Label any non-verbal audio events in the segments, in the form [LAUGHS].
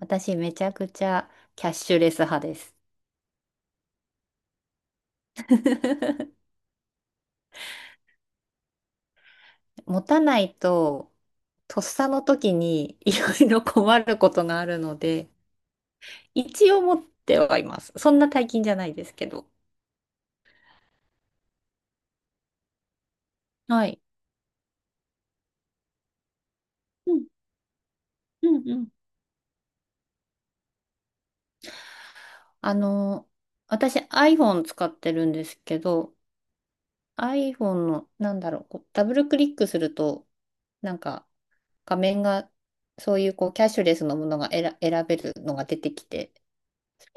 私めちゃくちゃキャッシュレス派です。[LAUGHS] 持たないと、とっさの時にいろいろ困ることがあるので、一応持ってはいます。そんな大金じゃないですけど。はい。うんうんうん。あの、私 iPhone 使ってるんですけど、iPhone の、なんだろう、こうダブルクリックすると、なんか画面が、そういうこうキャッシュレスのものが選べるのが出てきて、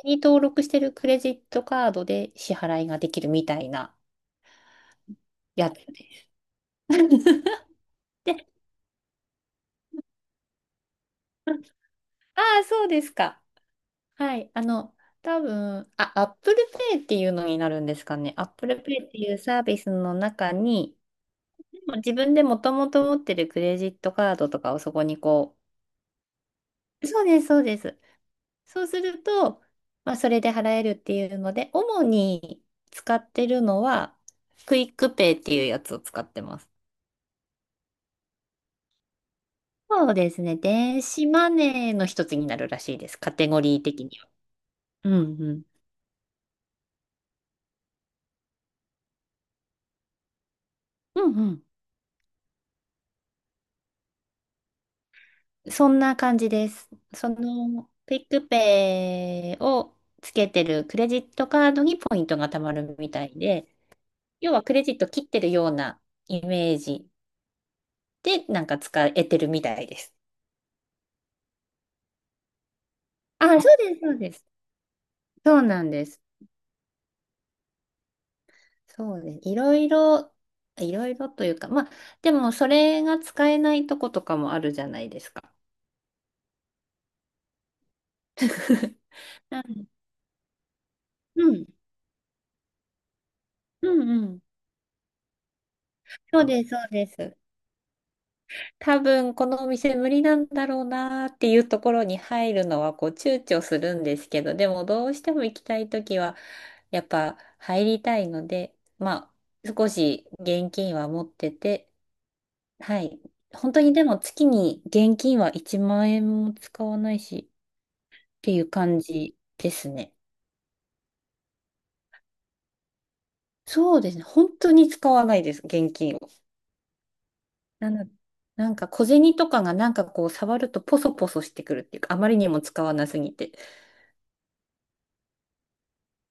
に登録してるクレジットカードで支払いができるみたいなやつです。[LAUGHS] で、ああ、そうですか。はい。多分、あ、Apple Pay っていうのになるんですかね。Apple Pay っていうサービスの中に、でも自分でもともと持ってるクレジットカードとかをそこにそうです、そうです。そうすると、まあ、それで払えるっていうので、主に使ってるのは、クイックペイっていうやつを使ってます。そうですね。電子マネーの一つになるらしいです。カテゴリー的には。うんうん。うんうん。そんな感じです。その、クイックペイをつけてるクレジットカードにポイントが貯まるみたいで、要はクレジット切ってるようなイメージでなんか使えてるみたいです。あ、そうです、そうです。そうなんです。そうです。いろいろ、いろいろというか、まあ、でもそれが使えないとことかもあるじゃないですか。[LAUGHS] うん。うんうん。そうです、そうです。多分このお店無理なんだろうなーっていうところに入るのはこう躊躇するんですけど、でもどうしても行きたいときはやっぱ入りたいので、まあ少し現金は持ってて、はい。本当にでも月に現金は1万円も使わないしっていう感じですね。そうですね。本当に使わないです、現金を。なの、なんか小銭とかがなんかこう触るとポソポソしてくるっていうか、あまりにも使わなすぎて。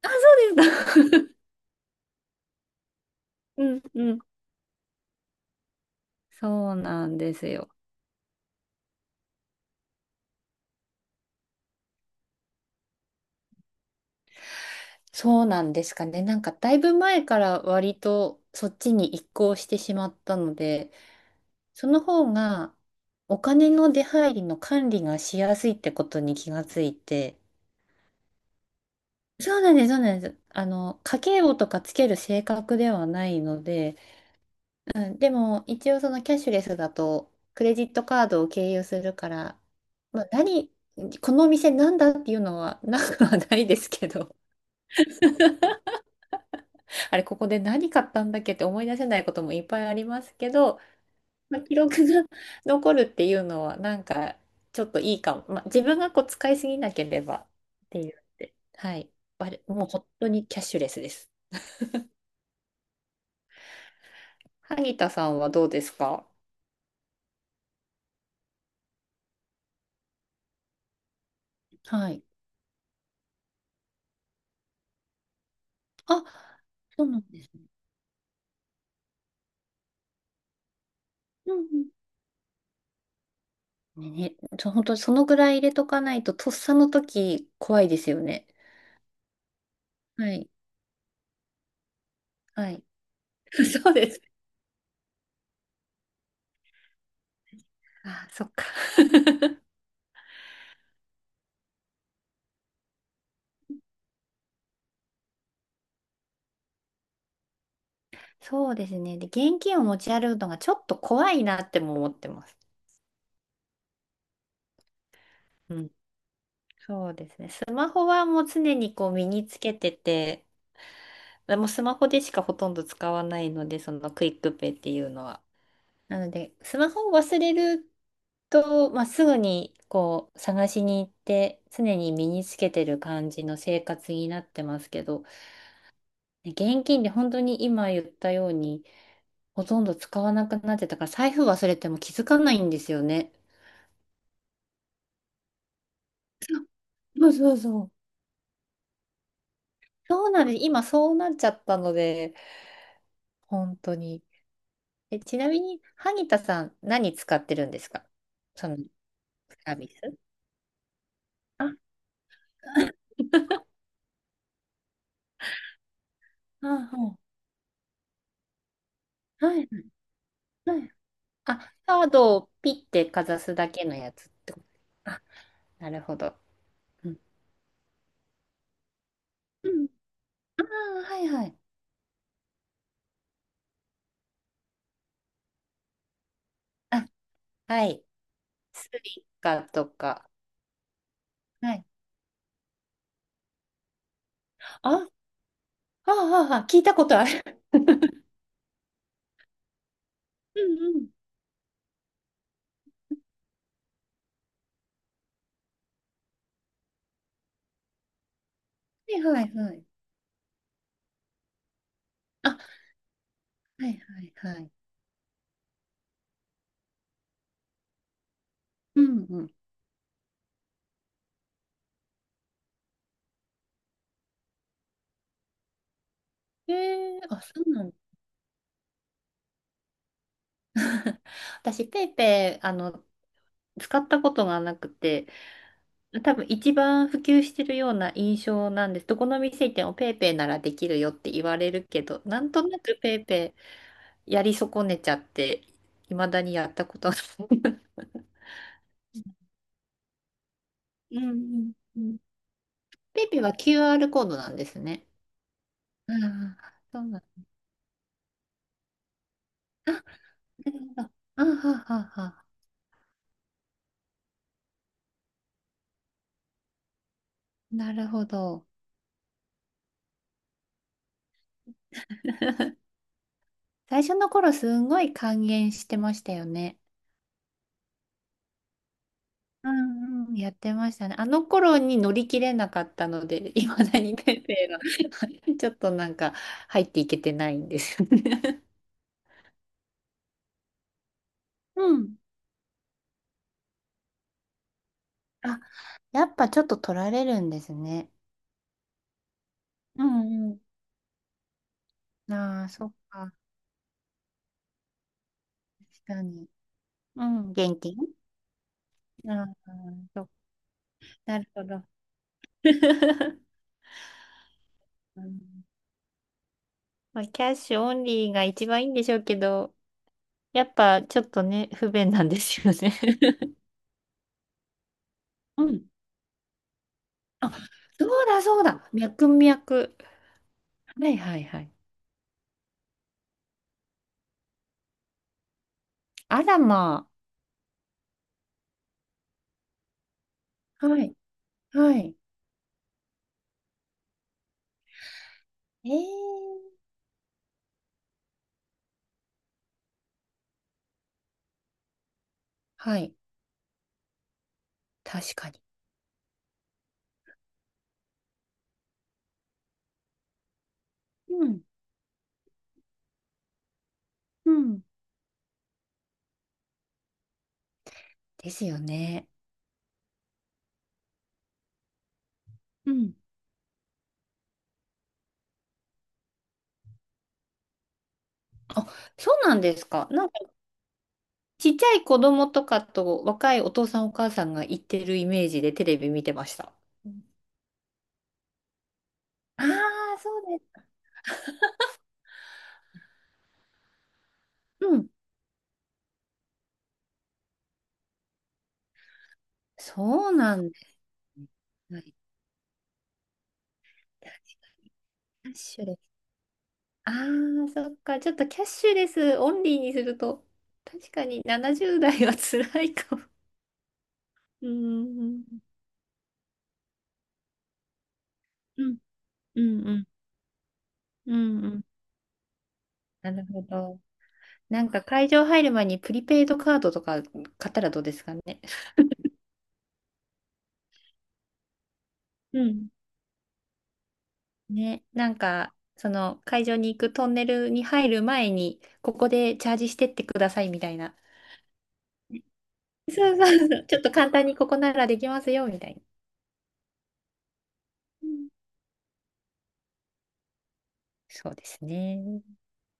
そうです。[LAUGHS] うんうん。そうなんですよ。そうなんですかね。なんかだいぶ前から割とそっちに移行してしまったので、その方がお金の出入りの管理がしやすいってことに気がついて、そうなんです、そうなんです。家計簿とかつける性格ではないので、うん、でも一応そのキャッシュレスだとクレジットカードを経由するから、まあ、何このお店なんだっていうのはなくはないですけど [LAUGHS] あれここで何買ったんだっけって思い出せないこともいっぱいありますけど、まあ、記録が [LAUGHS] 残るっていうのはなんかちょっといいかも、まあ、自分がこう使いすぎなければっていうので、はい、あれもう本当にキャッシュレスです。萩田さんはどうですか？はい。あ、そうなんですね。うんうん、ね、本当にそのぐらい入れとかないと、とっさの時怖いですよね。はい。はい。[LAUGHS] そうです。あ、そっか。[LAUGHS] そうですね。で、現金を持ち歩くのがちょっと怖いなっても思ってます。うん。そうですね。スマホはもう常にこう身につけてて、もうスマホでしかほとんど使わないので、そのクイックペイっていうのは。なので、スマホを忘れると、まあ、すぐにこう探しに行って常に身につけてる感じの生活になってますけど、ね現金で本当に今言ったようにほとんど使わなくなってたから財布忘れても気づかないんですよね。そうそうそう。そうなんです。今そうなっちゃったので、本当に。え、ちなみに、萩田さん何使ってるんですか？そのサービス。あ、[LAUGHS] あ、はい、はい。あ、カードをピッてかざすだけのやつってこと。なるほど。うん。うん、あー、はいはい。あ、はい。スイカとか。はい。あ、ああ、あ聞いたことある。[LAUGHS] うんうん。はいはいはい。あ、はいはいはい。うんうん。えー、あ、そうなんだ。[LAUGHS] 私、ペイペイ、使ったことがなくて、多分一番普及してるような印象なんです。どこの店行ってもペイペイならできるよって言われるけど、なんとなくペイペイやり損ねちゃって、いまだにやったことない。うんうんうん。ペイペイは QR コードなんですね。ああ、そうなん。あ、なるほど。あははは。なるほど。最初の頃すんごい還元してましたよね。うんうん。やってましたね。あの頃に乗り切れなかったので、いまだにペイペイが [LAUGHS] ちょっとなんか入っていけてないんですよね。うん。あ、やっぱちょっと取られるんですね。うんうん。ああ、そっか。確かに。うん、現金。ああ、うん、なるほど。[LAUGHS] うん、まあ、キャッシュオンリーが一番いいんでしょうけど、やっぱちょっとね、不便なんですよね。[LAUGHS] うん。あ、そうだそうだ。脈々。はいはいはい。あらまあ。はい。はい。えー。はい。確かに。うん。うん。ですよね。うん。あ、そうなんですか。なんかちっちゃい子供とかと若いお父さんお母さんが行ってるイメージでテレビ見てました。ああー、そうです、うん。そうなんだよね。はい、キャッシュレス。ああ、そっか。ちょっとキャッシュレスオンリーにすると、確かに70代は辛いかも。うん。うん。うん。うん。うんうん、なるほど。なんか会場入る前にプリペイドカードとか買ったらどうですかね。うん。ね。なんか、その会場に行くトンネルに入る前に、ここでチャージしてってくださいみたいな。そうそうそう。[LAUGHS] ちょっと簡単にここならできますよみたいな。うん、そうですね。